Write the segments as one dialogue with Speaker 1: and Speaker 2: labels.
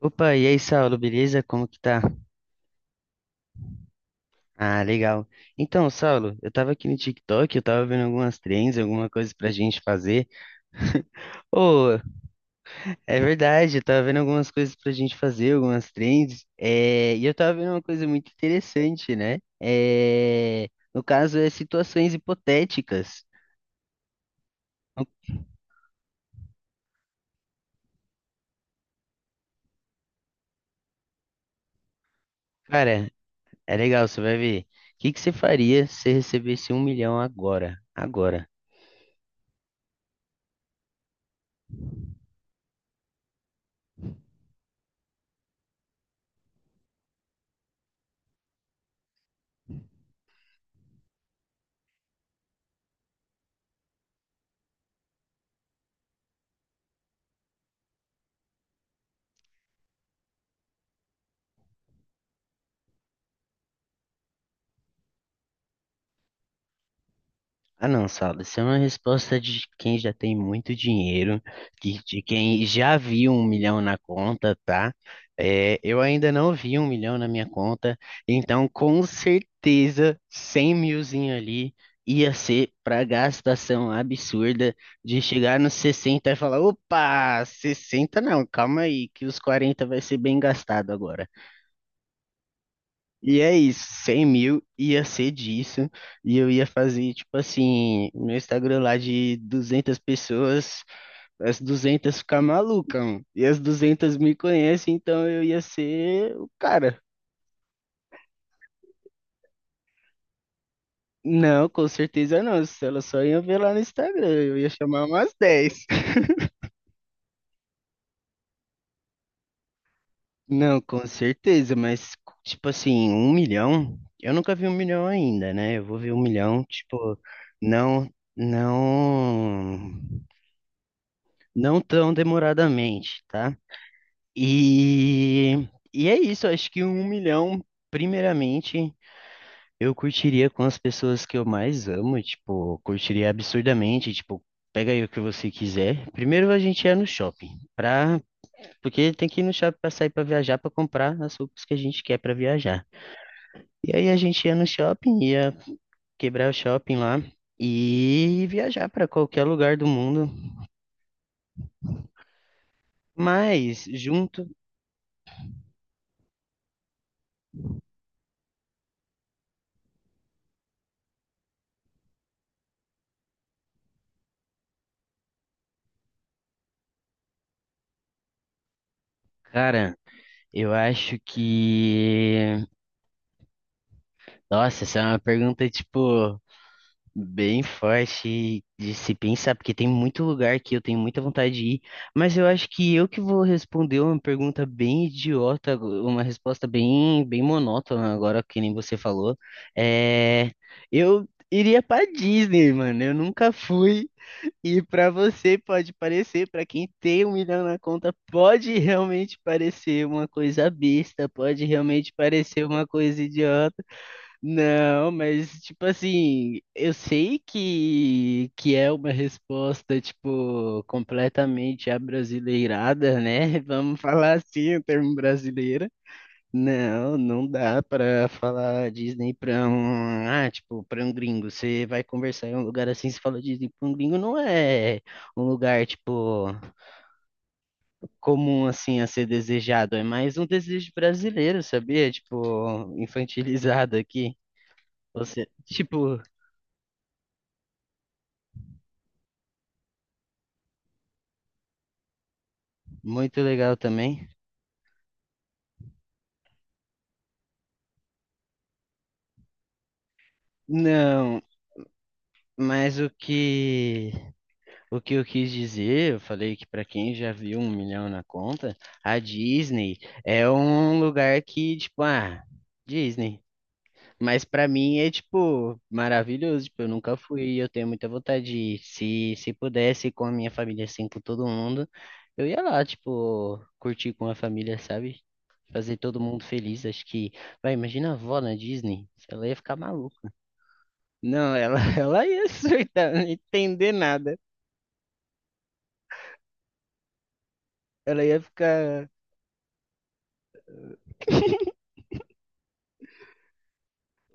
Speaker 1: Opa, e aí, Saulo, beleza? Como que tá? Ah, legal. Então, Saulo, eu tava aqui no TikTok, eu tava vendo algumas trends, alguma coisa pra gente fazer. Ô, é verdade, eu tava vendo algumas coisas pra gente fazer, algumas trends. É, e eu tava vendo uma coisa muito interessante, né? É, no caso, é situações hipotéticas. Então, cara, é legal, você vai ver. O que que você faria se recebesse 1 milhão agora? Agora. Ah, não, Saulo, isso é uma resposta de quem já tem muito dinheiro, de quem já viu 1 milhão na conta, tá? É, eu ainda não vi 1 milhão na minha conta, então com certeza 100 milzinho ali ia ser pra gastação absurda de chegar nos 60 e falar: opa, 60 não, calma aí, que os 40 vai ser bem gastado agora. E é isso, 100 mil ia ser disso, e eu ia fazer, tipo assim, meu Instagram lá de 200 pessoas, as 200 ficar maluca, mano. E as 200 me conhecem, então eu ia ser o cara. Não, com certeza não, se elas só iam ver lá no Instagram, eu ia chamar umas 10 Não, com certeza, mas, tipo assim, 1 milhão, eu nunca vi 1 milhão ainda, né? Eu vou ver 1 milhão, tipo, não, não, não tão demoradamente, tá? E, e é isso, eu acho que 1 milhão, primeiramente, eu curtiria com as pessoas que eu mais amo, tipo, curtiria absurdamente, tipo, pega aí o que você quiser. Primeiro a gente ia no shopping, pra, porque tem que ir no shopping pra sair pra viajar, pra comprar as roupas que a gente quer pra viajar. E aí a gente ia no shopping, ia quebrar o shopping lá e viajar pra qualquer lugar do mundo. Mas junto, cara. Eu acho que. Nossa, essa é uma pergunta, tipo, bem forte de se pensar, porque tem muito lugar que eu tenho muita vontade de ir, mas eu acho que eu que vou responder uma pergunta bem idiota, uma resposta bem, bem monótona, agora que nem você falou. É. Eu iria pra Disney, mano. Eu nunca fui. E para você pode parecer, para quem tem 1 milhão na conta, pode realmente parecer uma coisa besta, pode realmente parecer uma coisa idiota. Não, mas tipo assim, eu sei que é uma resposta tipo completamente abrasileirada, né? Vamos falar assim, o termo brasileiro. Não, não dá pra falar Disney pra um, ah, tipo, pra um gringo. Você vai conversar em um lugar assim, você fala Disney pra um gringo, não é um lugar, tipo, comum assim a ser desejado, é mais um desejo brasileiro, sabia? Tipo, infantilizado aqui. Você, tipo, muito legal também. Não, mas o que eu quis dizer, eu falei que para quem já viu 1 milhão na conta, a Disney é um lugar que, tipo, ah, Disney. Mas para mim é, tipo, maravilhoso. Tipo, eu nunca fui, eu tenho muita vontade de ir. Se pudesse, com a minha família, assim, com todo mundo, eu ia lá, tipo, curtir com a família, sabe? Fazer todo mundo feliz. Acho que, vai, imagina a avó na Disney, ela ia ficar maluca. Não, ela, ela ia surtar, não ia entender nada. Ela ia ficar.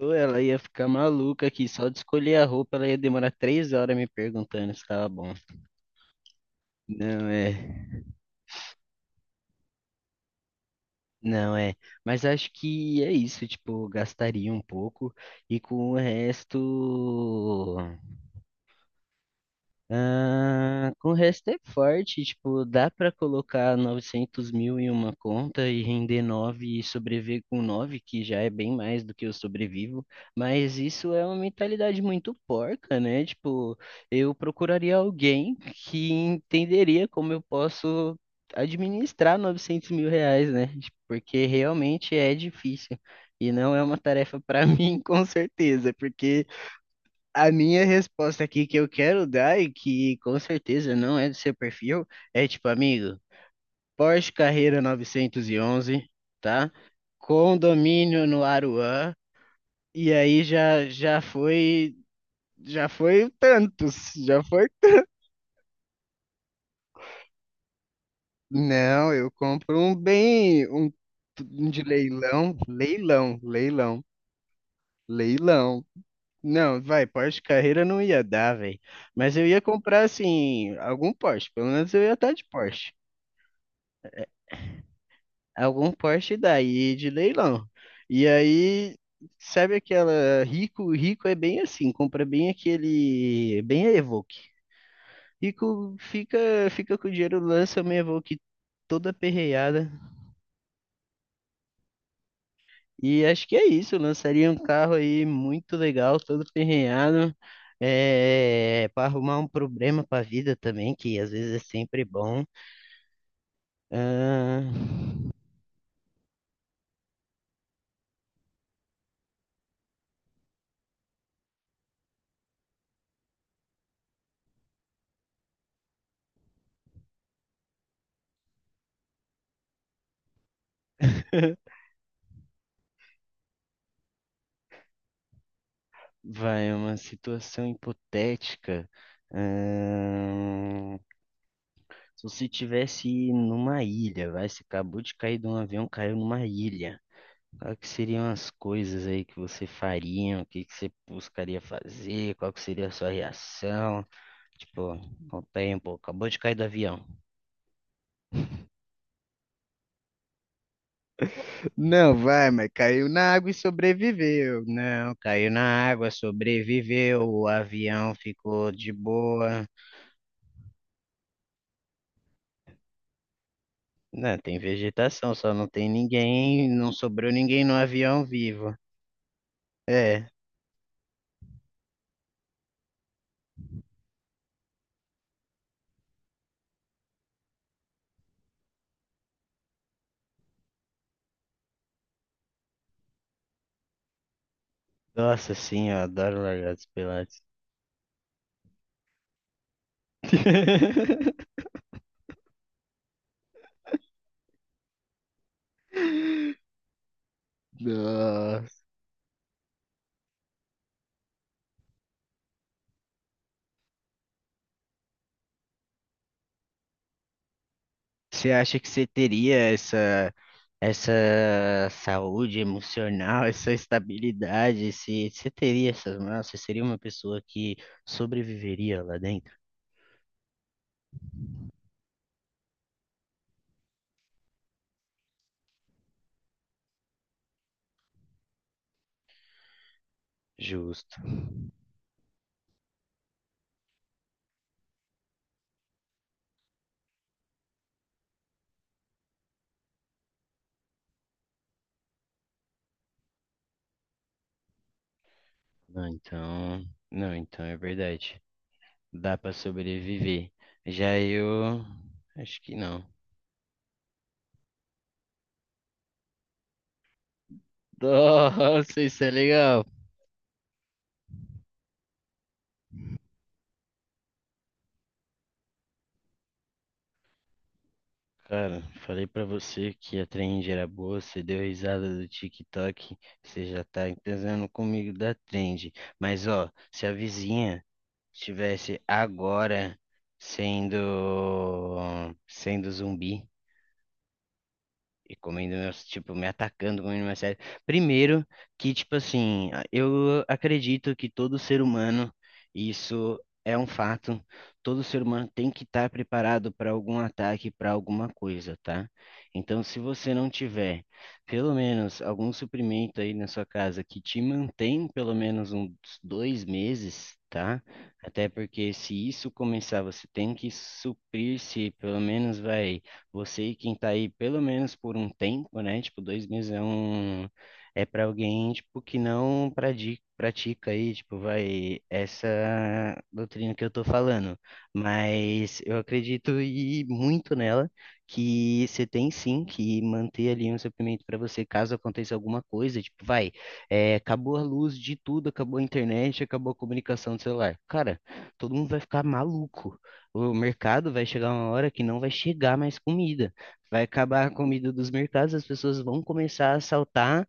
Speaker 1: Ou ela ia ficar maluca aqui, só de escolher a roupa ela ia demorar 3 horas me perguntando se tava bom. Não é, não é. Mas acho que é isso, tipo, gastaria um pouco e com o resto. Ah, com o resto é forte, tipo, dá para colocar 900 mil em uma conta e render 9 e sobreviver com 9 que já é bem mais do que eu sobrevivo, mas isso é uma mentalidade muito porca, né? Tipo, eu procuraria alguém que entenderia como eu posso administrar 900 mil reais, né? Tipo, porque realmente é difícil. E não é uma tarefa para mim, com certeza, porque a minha resposta aqui que eu quero dar e que com certeza não é do seu perfil é tipo, amigo, Porsche Carrera 911, tá? Condomínio no Aruan e aí já já foi tantos, já foi. Não, eu compro um bem um de leilão, leilão, leilão, leilão. Não, vai, Porsche Carrera não ia dar, velho. Mas eu ia comprar assim algum Porsche, pelo menos eu ia estar de Porsche. Algum Porsche daí de leilão. E aí, sabe aquela rico, rico é bem assim, compra bem aquele, bem a Evoque. Rico fica com o dinheiro, lança uma Evoque toda perreada. E acho que é isso, lançaria um carro aí muito legal, todo perreado. É, para arrumar um problema para a vida também, que às vezes é sempre bom. Ah, vai, uma situação hipotética. Ahn, Se você tivesse numa ilha, vai, você acabou de cair de um avião, caiu numa ilha. Qual que seriam as coisas aí que você faria? O que que você buscaria fazer? Qual que seria a sua reação? Tipo, com o tempo, acabou de cair do avião. Não, vai, mas caiu na água e sobreviveu. Não, caiu na água, sobreviveu, o avião ficou de boa. Não, tem vegetação, só não tem ninguém, não sobrou ninguém no avião vivo. É. Nossa, sim, eu adoro largados e pelados. Nossa. Você acha que você teria essa, essa saúde emocional, essa estabilidade? Se você teria essas, nossa, você seria uma pessoa que sobreviveria lá dentro? Justo. Não, então, não, então é verdade. Dá pra sobreviver. Já eu acho que não. Nossa, isso é legal. Cara, falei pra você que a trend era boa, você deu risada do TikTok, você já tá entendendo comigo da trend. Mas ó, se a vizinha estivesse agora sendo sendo zumbi, e comendo meus, tipo, me atacando, comendo minha série. Primeiro, que, tipo assim, eu acredito que todo ser humano, e isso é um fato, todo ser humano tem que estar preparado para algum ataque, para alguma coisa, tá? Então, se você não tiver, pelo menos, algum suprimento aí na sua casa que te mantém pelo menos uns 2 meses, tá? Até porque se isso começar, você tem que suprir-se, pelo menos vai você e quem tá aí pelo menos por um tempo, né? Tipo, 2 meses é para alguém tipo que não pratica aí, tipo, vai essa doutrina que eu tô falando, mas eu acredito e muito nela que você tem sim que manter ali um suprimento para você caso aconteça alguma coisa, tipo, vai, é, acabou a luz de tudo, acabou a internet, acabou a comunicação do celular. Cara, todo mundo vai ficar maluco. O mercado vai chegar uma hora que não vai chegar mais comida. Vai acabar a comida dos mercados, as pessoas vão começar a assaltar.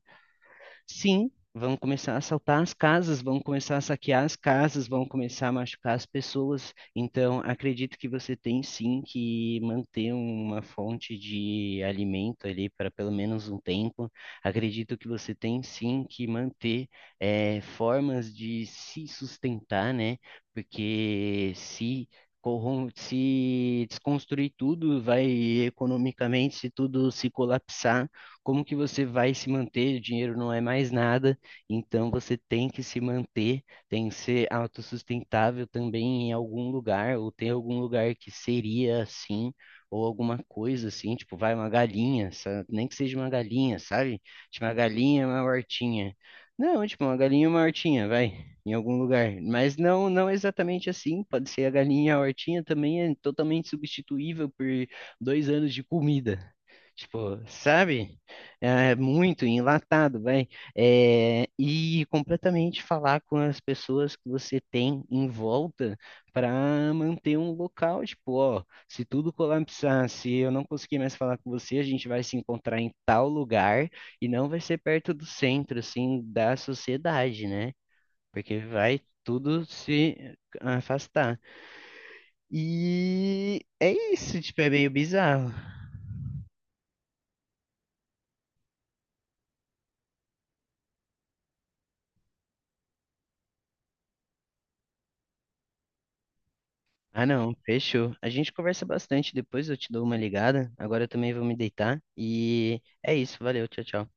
Speaker 1: Sim, vão começar a assaltar as casas, vão começar a saquear as casas, vão começar a machucar as pessoas. Então, acredito que você tem sim que manter uma fonte de alimento ali para pelo menos um tempo. Acredito que você tem sim que manter formas de se sustentar, né? Porque se desconstruir tudo, vai economicamente, se tudo se colapsar como que você vai se manter? O dinheiro não é mais nada, então você tem que se manter, tem que ser autossustentável também em algum lugar, ou tem algum lugar que seria assim, ou alguma coisa assim, tipo, vai uma galinha, nem que seja uma galinha, sabe? Tipo, uma galinha, uma hortinha. Não, tipo, uma galinha e uma hortinha, vai, em algum lugar. Mas não, não exatamente assim. Pode ser a galinha, e a hortinha também é totalmente substituível por 2 anos de comida. Tipo, sabe? É muito enlatado, vai. É, e completamente falar com as pessoas que você tem em volta para manter um local. Tipo, ó, se tudo colapsar, se eu não conseguir mais falar com você, a gente vai se encontrar em tal lugar e não vai ser perto do centro, assim, da sociedade, né? Porque vai tudo se afastar. E é isso, tipo, é meio bizarro. Ah, não, fechou. A gente conversa bastante depois, eu te dou uma ligada. Agora eu também vou me deitar. E é isso, valeu, tchau, tchau.